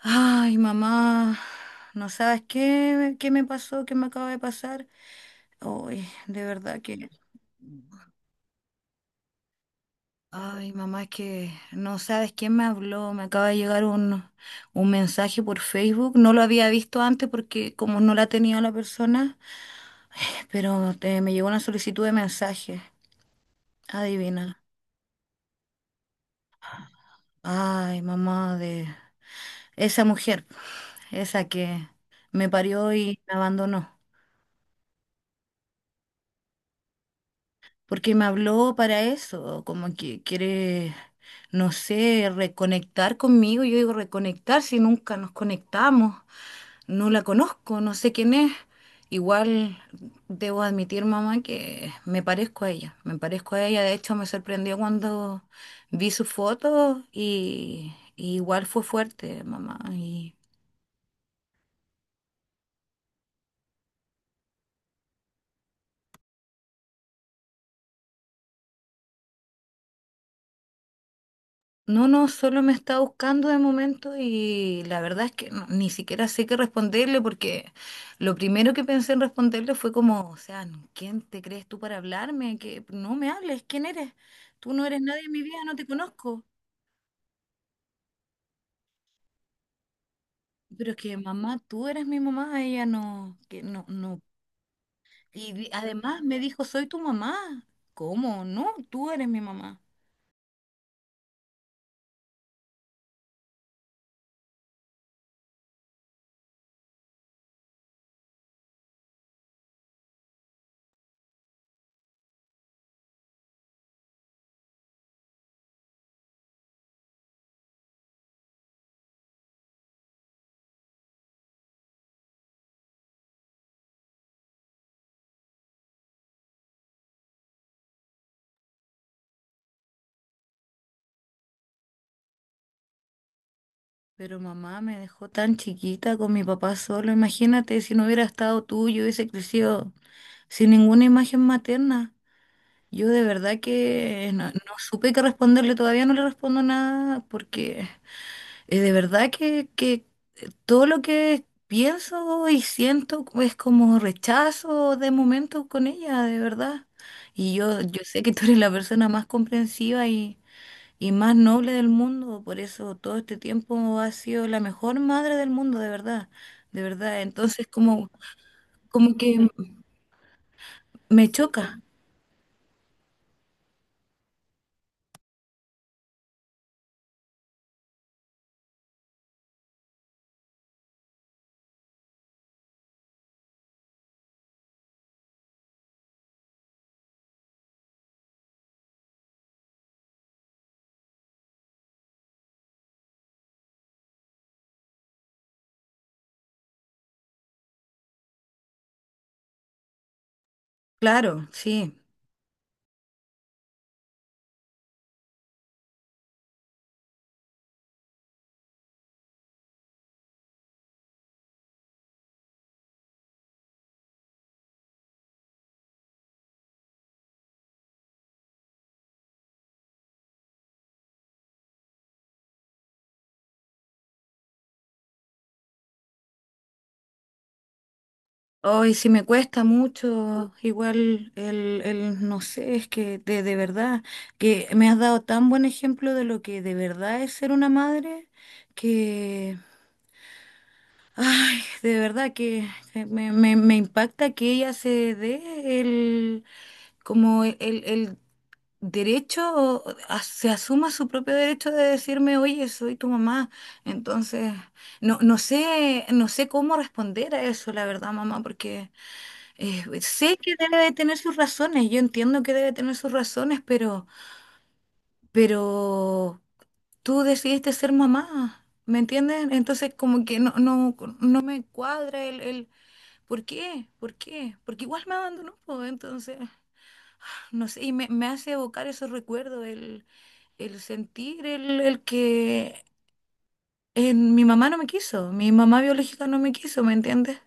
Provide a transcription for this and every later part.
Ay, mamá, no sabes qué me pasó, qué me acaba de pasar. Ay, de verdad que... Ay, mamá, es que no sabes quién me habló. Me acaba de llegar un mensaje por Facebook. No lo había visto antes porque como no la tenía la persona, pero me llegó una solicitud de mensaje. Adivina. Ay, mamá, de esa mujer, esa que me parió y me abandonó. Porque me habló para eso, como que quiere, no sé, reconectar conmigo. Yo digo reconectar si nunca nos conectamos, no la conozco, no sé quién es. Igual debo admitir, mamá, que me parezco a ella, me parezco a ella. De hecho, me sorprendió cuando vi su foto y igual fue fuerte, mamá. Y... No, no, solo me está buscando de momento y la verdad es que ni siquiera sé qué responderle porque lo primero que pensé en responderle fue como, o sea, ¿quién te crees tú para hablarme? Que no me hables, ¿quién eres? Tú no eres nadie en mi vida, no te conozco. Pero es que mamá, tú eres mi mamá, ella no, que no, no. Y además me dijo, soy tu mamá. ¿Cómo? No, tú eres mi mamá. Pero mamá me dejó tan chiquita con mi papá solo. Imagínate si no hubiera estado tú, yo hubiese crecido. Sin ninguna imagen materna. Yo de verdad que no, no supe qué responderle, todavía no le respondo nada porque de verdad que todo lo que pienso y siento es como rechazo de momento con ella, de verdad. Y yo sé que tú eres la persona más comprensiva y más noble del mundo, por eso todo este tiempo has sido la mejor madre del mundo, de verdad, de verdad. Entonces como que me choca, claro, sí. Hoy sí me cuesta mucho, igual el no sé, es que de verdad, que me has dado tan buen ejemplo de lo que de verdad es ser una madre, que, ay, de verdad que me impacta que ella se dé el, como el derecho, o se asuma su propio derecho de decirme, oye, soy tu mamá. Entonces, no, no sé cómo responder a eso, la verdad, mamá, porque... Pues, sé que debe de tener sus razones, yo entiendo que debe tener sus razones, pero tú decidiste ser mamá, ¿me entiendes? Entonces como que no, no, no me cuadra el ¿por qué? ¿Por qué? Porque igual me abandonó, pues, entonces, no sé, y me hace evocar esos recuerdos, el sentir el que mi mamá no me quiso, mi mamá biológica no me quiso, ¿me entiendes?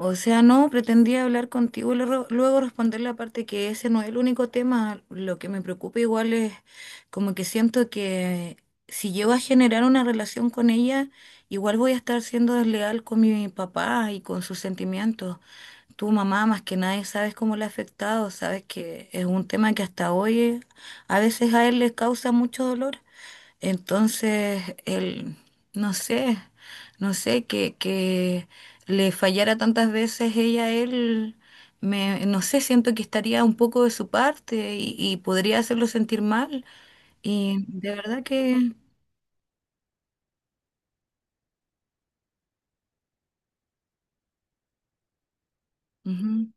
O sea, no, pretendía hablar contigo y luego luego responder la parte que ese no es el único tema. Lo que me preocupa igual es como que siento que si llego a generar una relación con ella, igual voy a estar siendo desleal con mi papá y con sus sentimientos. Tu mamá, más que nadie, sabes cómo le ha afectado, sabes que es un tema que hasta hoy a veces a él le causa mucho dolor. Entonces, él, no sé, no sé que le fallara tantas veces ella a él, me, no sé, siento que estaría un poco de su parte y podría hacerlo sentir mal. Y de verdad que... Ujú.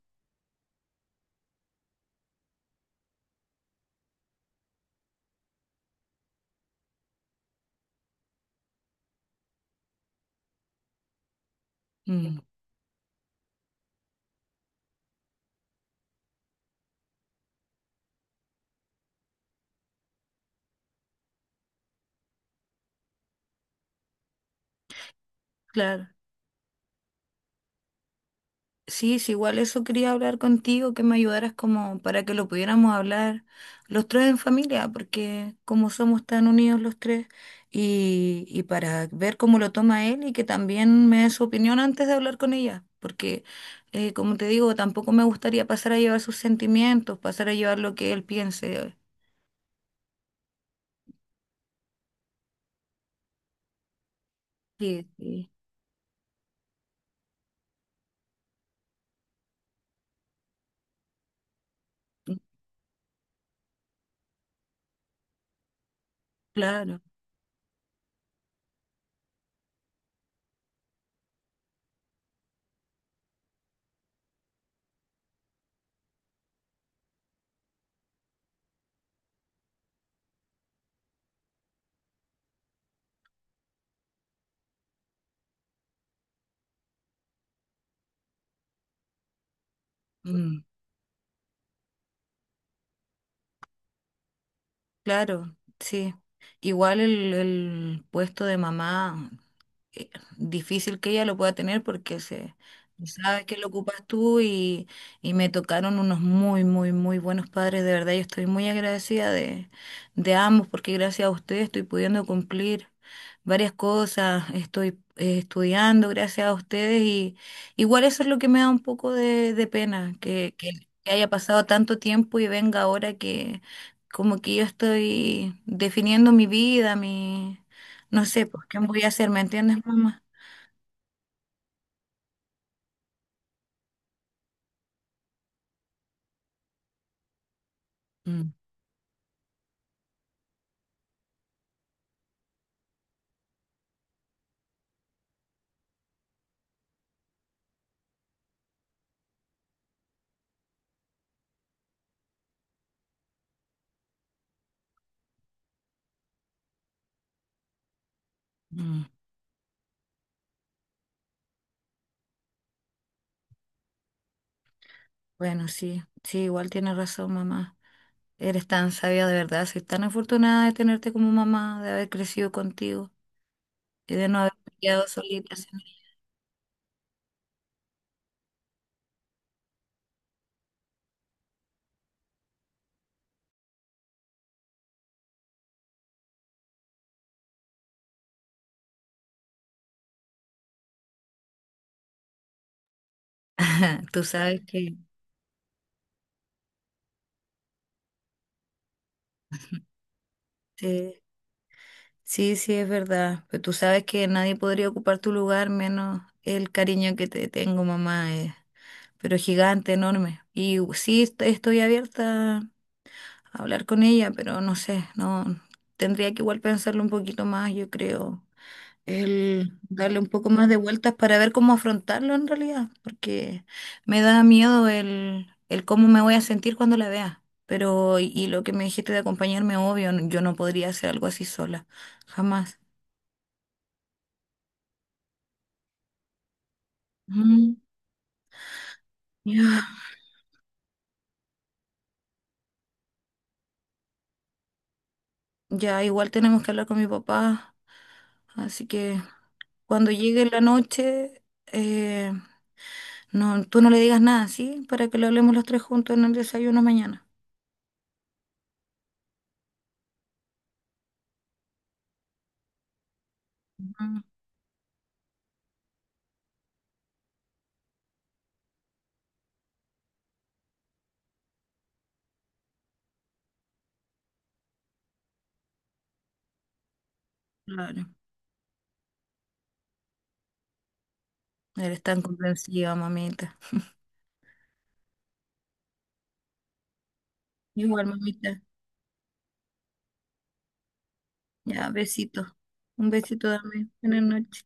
Mm. Claro. Sí, sí, igual eso quería hablar contigo, que me ayudaras como para que lo pudiéramos hablar los tres en familia, porque como somos tan unidos los tres, y para ver cómo lo toma él y que también me dé su opinión antes de hablar con ella, porque como te digo, tampoco me gustaría pasar a llevar sus sentimientos, pasar a llevar lo que él piense. Sí, sí, sí, claro. Mm. Claro, sí. Igual el puesto de mamá. eh, difícil que ella lo pueda tener porque se no sabe que lo ocupas tú y me tocaron unos muy, muy, muy buenos padres. De verdad, yo estoy muy agradecida de ambos porque gracias a ustedes estoy pudiendo cumplir varias cosas, estoy estudiando gracias a ustedes y igual eso es lo que me da un poco de pena, que haya pasado tanto tiempo y venga ahora que como que yo estoy definiendo mi vida, mi... No sé, pues, ¿qué voy a hacer? ¿Me entiendes, mamá? Mm. Mm. Bueno, sí, sí, igual tienes razón, mamá. Eres tan sabia de verdad, soy tan afortunada de tenerte como mamá, de haber crecido contigo y de no haber quedado solita. Tú sabes que sí, sí, sí, es verdad, pero tú sabes que nadie podría ocupar tu lugar menos el cariño que te tengo, mamá, pero es gigante, enorme. Y sí, estoy abierta hablar con ella, pero no sé, no tendría que igual pensarlo un poquito más, yo creo, el darle un poco más de vueltas para ver cómo afrontarlo en realidad, porque me da miedo el cómo me voy a sentir cuando la vea. Pero, y lo que me dijiste de acompañarme, obvio, yo no podría hacer algo así sola, jamás. Mm. Ya. Ya, igual tenemos que hablar con mi papá, así que... Cuando llegue la noche, eh, no, tú no le digas nada, ¿sí? Para que lo hablemos los tres juntos en el desayuno mañana. Mm. Claro. Eres tan comprensiva, mamita. Igual, mamita. Ya, besito. Un besito, dame. Buenas noches.